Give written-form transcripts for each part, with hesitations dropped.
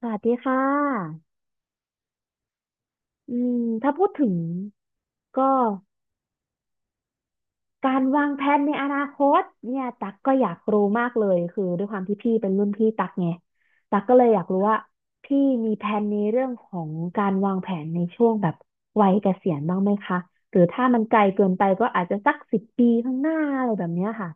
สวัสดีค่ะอืถ้าพูดถึงก็การวางแผนในอนาคตเนี่ยตักก็อยากรู้มากเลยคือด้วยความที่พี่เป็นรุ่นพี่ตักไงตักก็เลยอยากรู้ว่าพี่มีแผนในเรื่องของการวางแผนในช่วงแบบวัยเกษียณบ้างไหมคะหรือถ้ามันไกลเกินไปก็อาจจะสักสิบปีข้างหน้าอะไรแบบเนี้ยค่ะ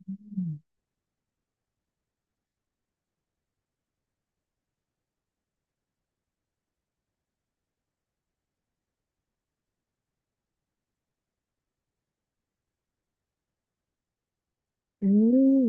อืมอืม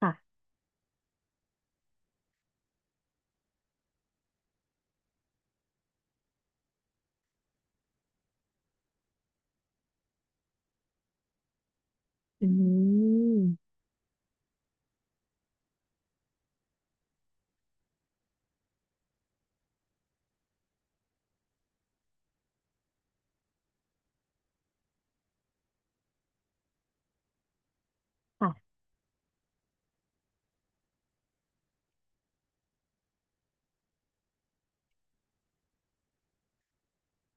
ค่ะอืมค่ะ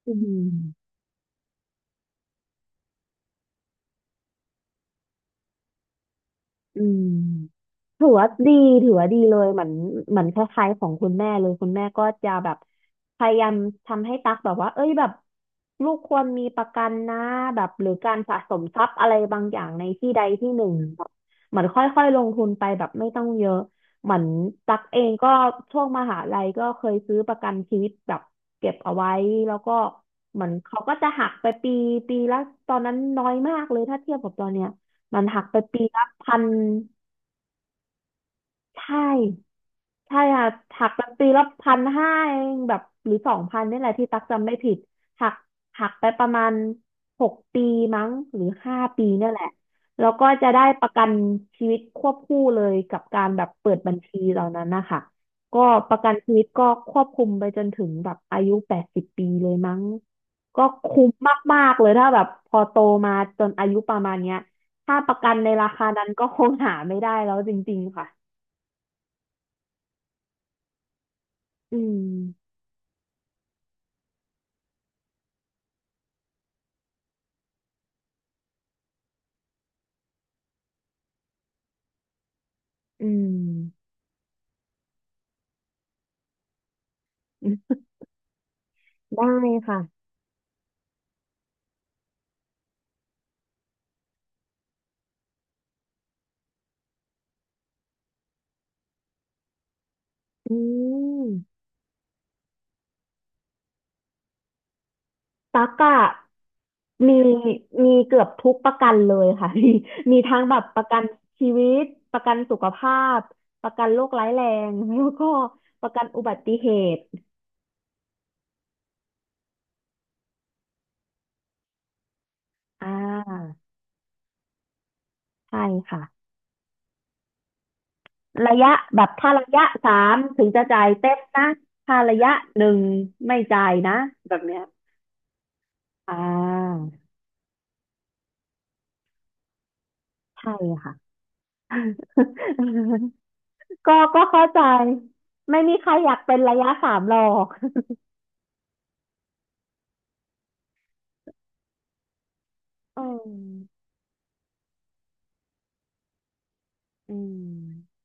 อืม อืมถือว่าดีถือว่าดีเลยเหมือนเหมือนคล้ายๆของคุณแม่เลยคุณแม่ก็จะแบบพยายามทำให้ตักแบบว่าเอ้ยแบบลูกควรมีประกันนะแบบหรือการสะสมทรัพย์อะไรบางอย่างในที่ใดที่หนึ่งแบบเหมือนค่อยๆลงทุนไปแบบไม่ต้องเยอะเหมือนตักเองก็ช่วงมหาลัยก็เคยซื้อประกันชีวิตแบบเก็บเอาไว้แล้วก็เหมือนเขาก็จะหักไปปีละตอนนั้นน้อยมากเลยถ้าเทียบกับตอนเนี้ย มันหักไปปีละพันใช่ ใช่ค่ะหักแบบปีละพันห้าเองแบบหรือสองพันนี่แหละที่ตักจำไม่ผิดหักหักไปประมาณหกปีมั้งหรือห้าปีเนี่ยแหละแล้วก็จะได้ประกันชีวิตควบคู่เลยกับการแบบเปิดบัญชีเหล่านั้นนะคะก็ประกันชีวิตก็ควบคุมไปจนถึงแบบอายุแปดสิบปีเลยมั้งก็คุ้มมากๆเลยถ้าแบบพอโตมาจนอายุประมาณเนี้ยถ้าประกันในราคานั้นก็คงหาไม่ได้แล้วจริงๆค่ะอืม อืมอืมได้ค่ะอืมตั๊กอะมีมีเกือบทุกประกันเลยค่ะ มีมีทั้งแบบประกันชีวิตประกันสุขภาพประกันโรคร้ายแรงแล้วก็ประกันอุบัติเหตุอ่าใช่ค่ะระยะแบบถ้าระยะสามถึงจะจ่ายเต็มนะถ้าระยะหนึ่งไม่จ่ายนะแบบเนี้ยอ่าใช่ค่ะ ก็เข้าใจไม่มีใครอยากเป็นระยะสามหรอกอืมอืม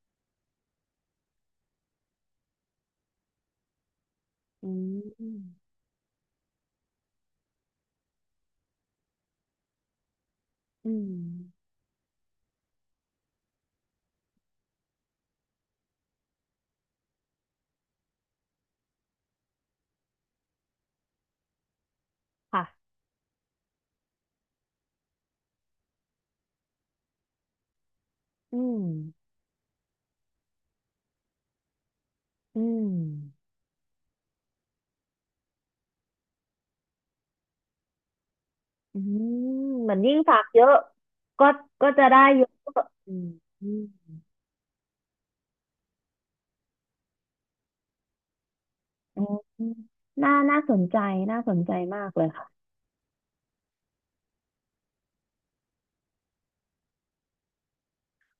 อืมอืมค่ะอืมอืมอืมเหมือนยิ่งฝากเยอะก็จะได้เยอะอืมอืมอืมน่าน่าสนใจน่าสนใจมากเลยค่ะ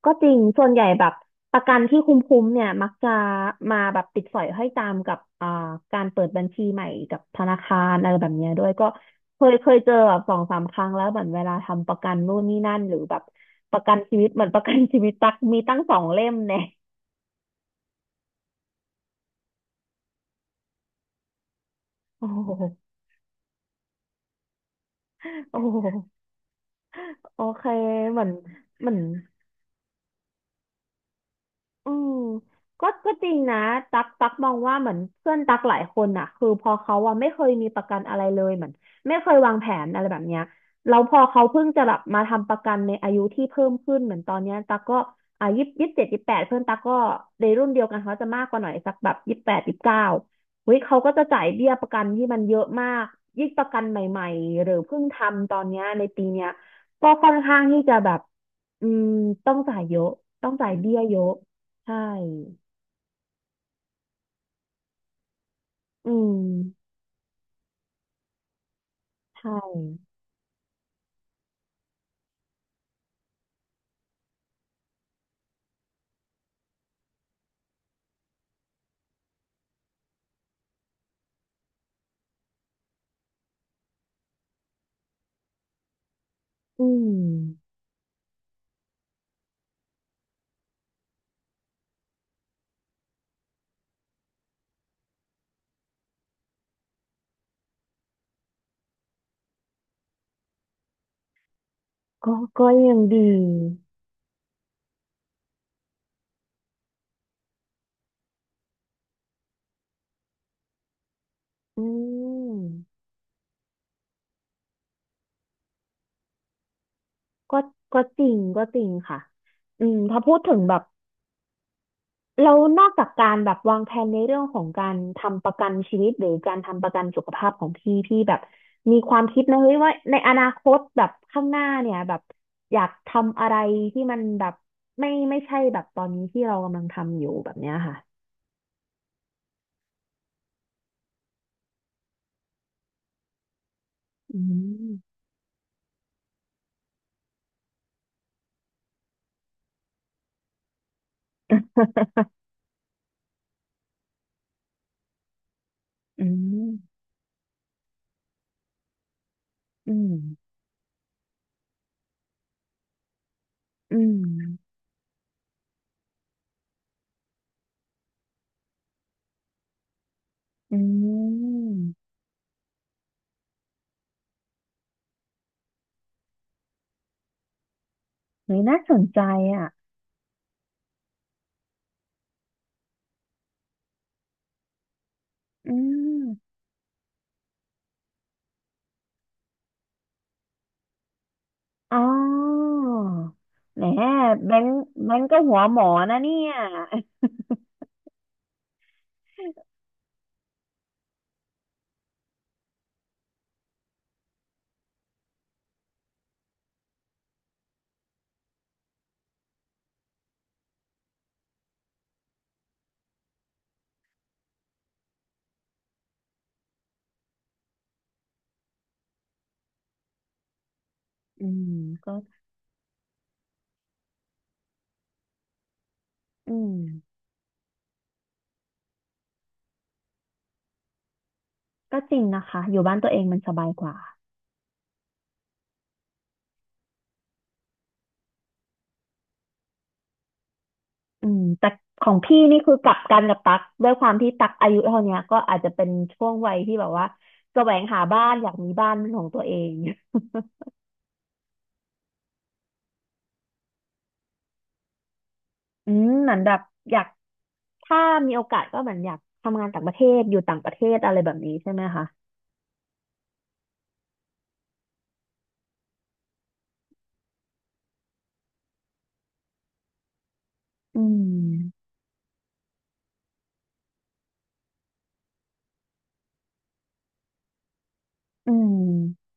ก็จริง ส่วนใหญ่แบบประกันที่คุ้มๆเนี่ยมักจะมาแบบติดสอยห้อยตามกับอ่าการเปิดบัญชีใหม่กับธนาคารอะไรแบบเนี้ยด้วยก็เคยเคยเจอแบบสองสามครั้งแล้วเหมือนเวลาทำประกันนู่นนี่นั่นหรือแบบประกันชีวิตเหมือนประกันชีวิตตักมีตั้งสองเล่มเนี่ยโอ้โหโอ้โหโอเคเหมือนเหมือน อืมก็จริงนะตักตักมองว่าเหมือนเพื่อนตักหลายคนน่ะคือพอเขาอ่ะไม่เคยมีประกันอะไรเลยเหมือนไม่เคยวางแผนอะไรแบบเนี้ยแล้วพอเขาเพิ่งจะแบบมาทำประกันในอายุที่เพิ่มขึ้นเหมือนตอนเนี้ยตักก็อ่ายี่สิบยี่สิบเจ็ดยี่สิบแปดเพื่อนตักก็ในรุ่นเดียวกันเขาจะมากกว่าหน่อยสักแบบยี่สิบแปดยี่สิบเก้าเฮ้ยเขาก็จะจ่ายเบี้ยประกันที่มันเยอะมาก ยิ่งประกันใหม่ๆหรือเพิ่งทำตอนเนี้ยในปีเนี้ยก็ค่อนข้างที่จะแบบอืมต้องจ่ายเยอะต้องจ่ายเบี้ยเยอะ ใช่อืมใช่อืมก็ยังดีอืมก็จริงก็จริงค่ะอืมถ้าพูดถึงแบบเรานอกจากการแบบวางแผนในเรื่องของการทำประกันชีวิตหรือการทำประกันสุขภาพของพี่แบบมีความคิดนะเฮ้ยว่าในอนาคตแบบข้างหน้าเนี่ยแบบอยากทำอะไรที่มันแบบไม่ใช่แบบตอนนี้ที่เรากำลังทำอยู่แบบเนี้ยค่ะอืม อืมอืม อืมอืมเฮ้ยน่าสนใจอ่ะอืมอ๋อแหมแบงค์แบงค์ก็หัวหมอนะเนี่ยอืมก็อืมก็จริงนะคะอยู่บ้านตัวเองมันสบายกว่าอืมแต่ของพี่นี่คือกลับกันกับตักด้วยความที่ตักอายุเท่าเนี้ยก็อาจจะเป็นช่วงวัยที่แบบว่าแสวงหาบ้านอยากมีบ้านเป็นของตัวเอง อืมเหมือนแบบอยากถ้ามีโอกาสก็เหมือนอยากทำงานต่างประเทศอยู่ต่างประเทศอะไรแบบนี้ใช่ไหมคะอืมอืม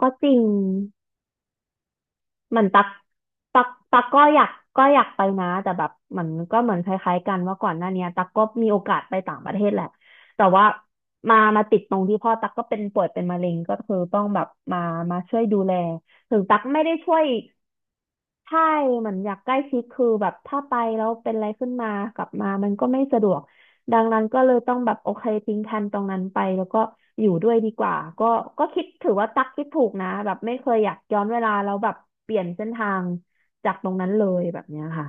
ก็จริงเหมือนตักก็อยากก็อยากไปนะแต่แบบเหมันก็เหมือนคล้ายๆกันว่าก่อนหน้าเนี้ยตักก็มีโอกาสไปต่างประเทศแหละแต่ว่ามาติดตรงที่พ่อตักก็เป็นป่วยเป็นมะเร็งก็คือต้องแบบมามาช่วยดูแลถึงตักไม่ได้ช่วย ใช่เหมือนอยากใกล้ชิดคือแบบถ้าไปแล้วเป็นอะไรขึ้นมากลับมามันก็ไม่สะดวกดังนั้นก็เลยต้องแบบโอเคทิ้งแผนตรงนั้นไปแล้วก็อยู่ด้วยดีกว่าก็ก็คิดถือว่าตักคิดถูกนะแบบไม่เคยอยากย้อนเวลาแล้วแบบเปลี่ยนเส้นทางจากตรงนั้นเลยแบบเนี้ยค่ะ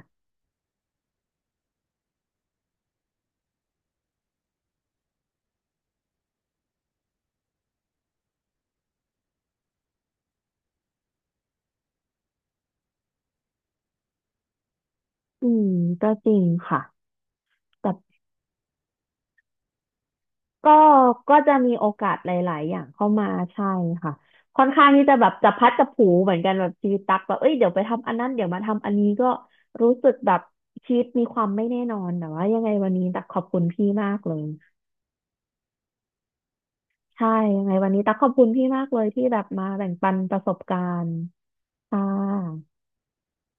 อืมก็จริงค่ะ ก็ก็จะมีโอกาสหลายๆอย่างเข้ามาใช่ค่ะค่อนข้างที่จะแบบจับพลัดจับผลูเหมือนกันแบบชีวิตตักแบบเอ้ยเดี๋ยวไปทำอันนั้นเดี๋ยวมาทำอันนี้ก็รู้สึกแบบชีวิตมีความไม่แน่นอนแต่ว่ายังไงวันนี้ตักขอบคุณพี่มากเลยใช่ยังไงวันนี้ตักขอบคุณพี่มากเลยที่แบบมาแบ่งปันประสบการณ์ค่ะ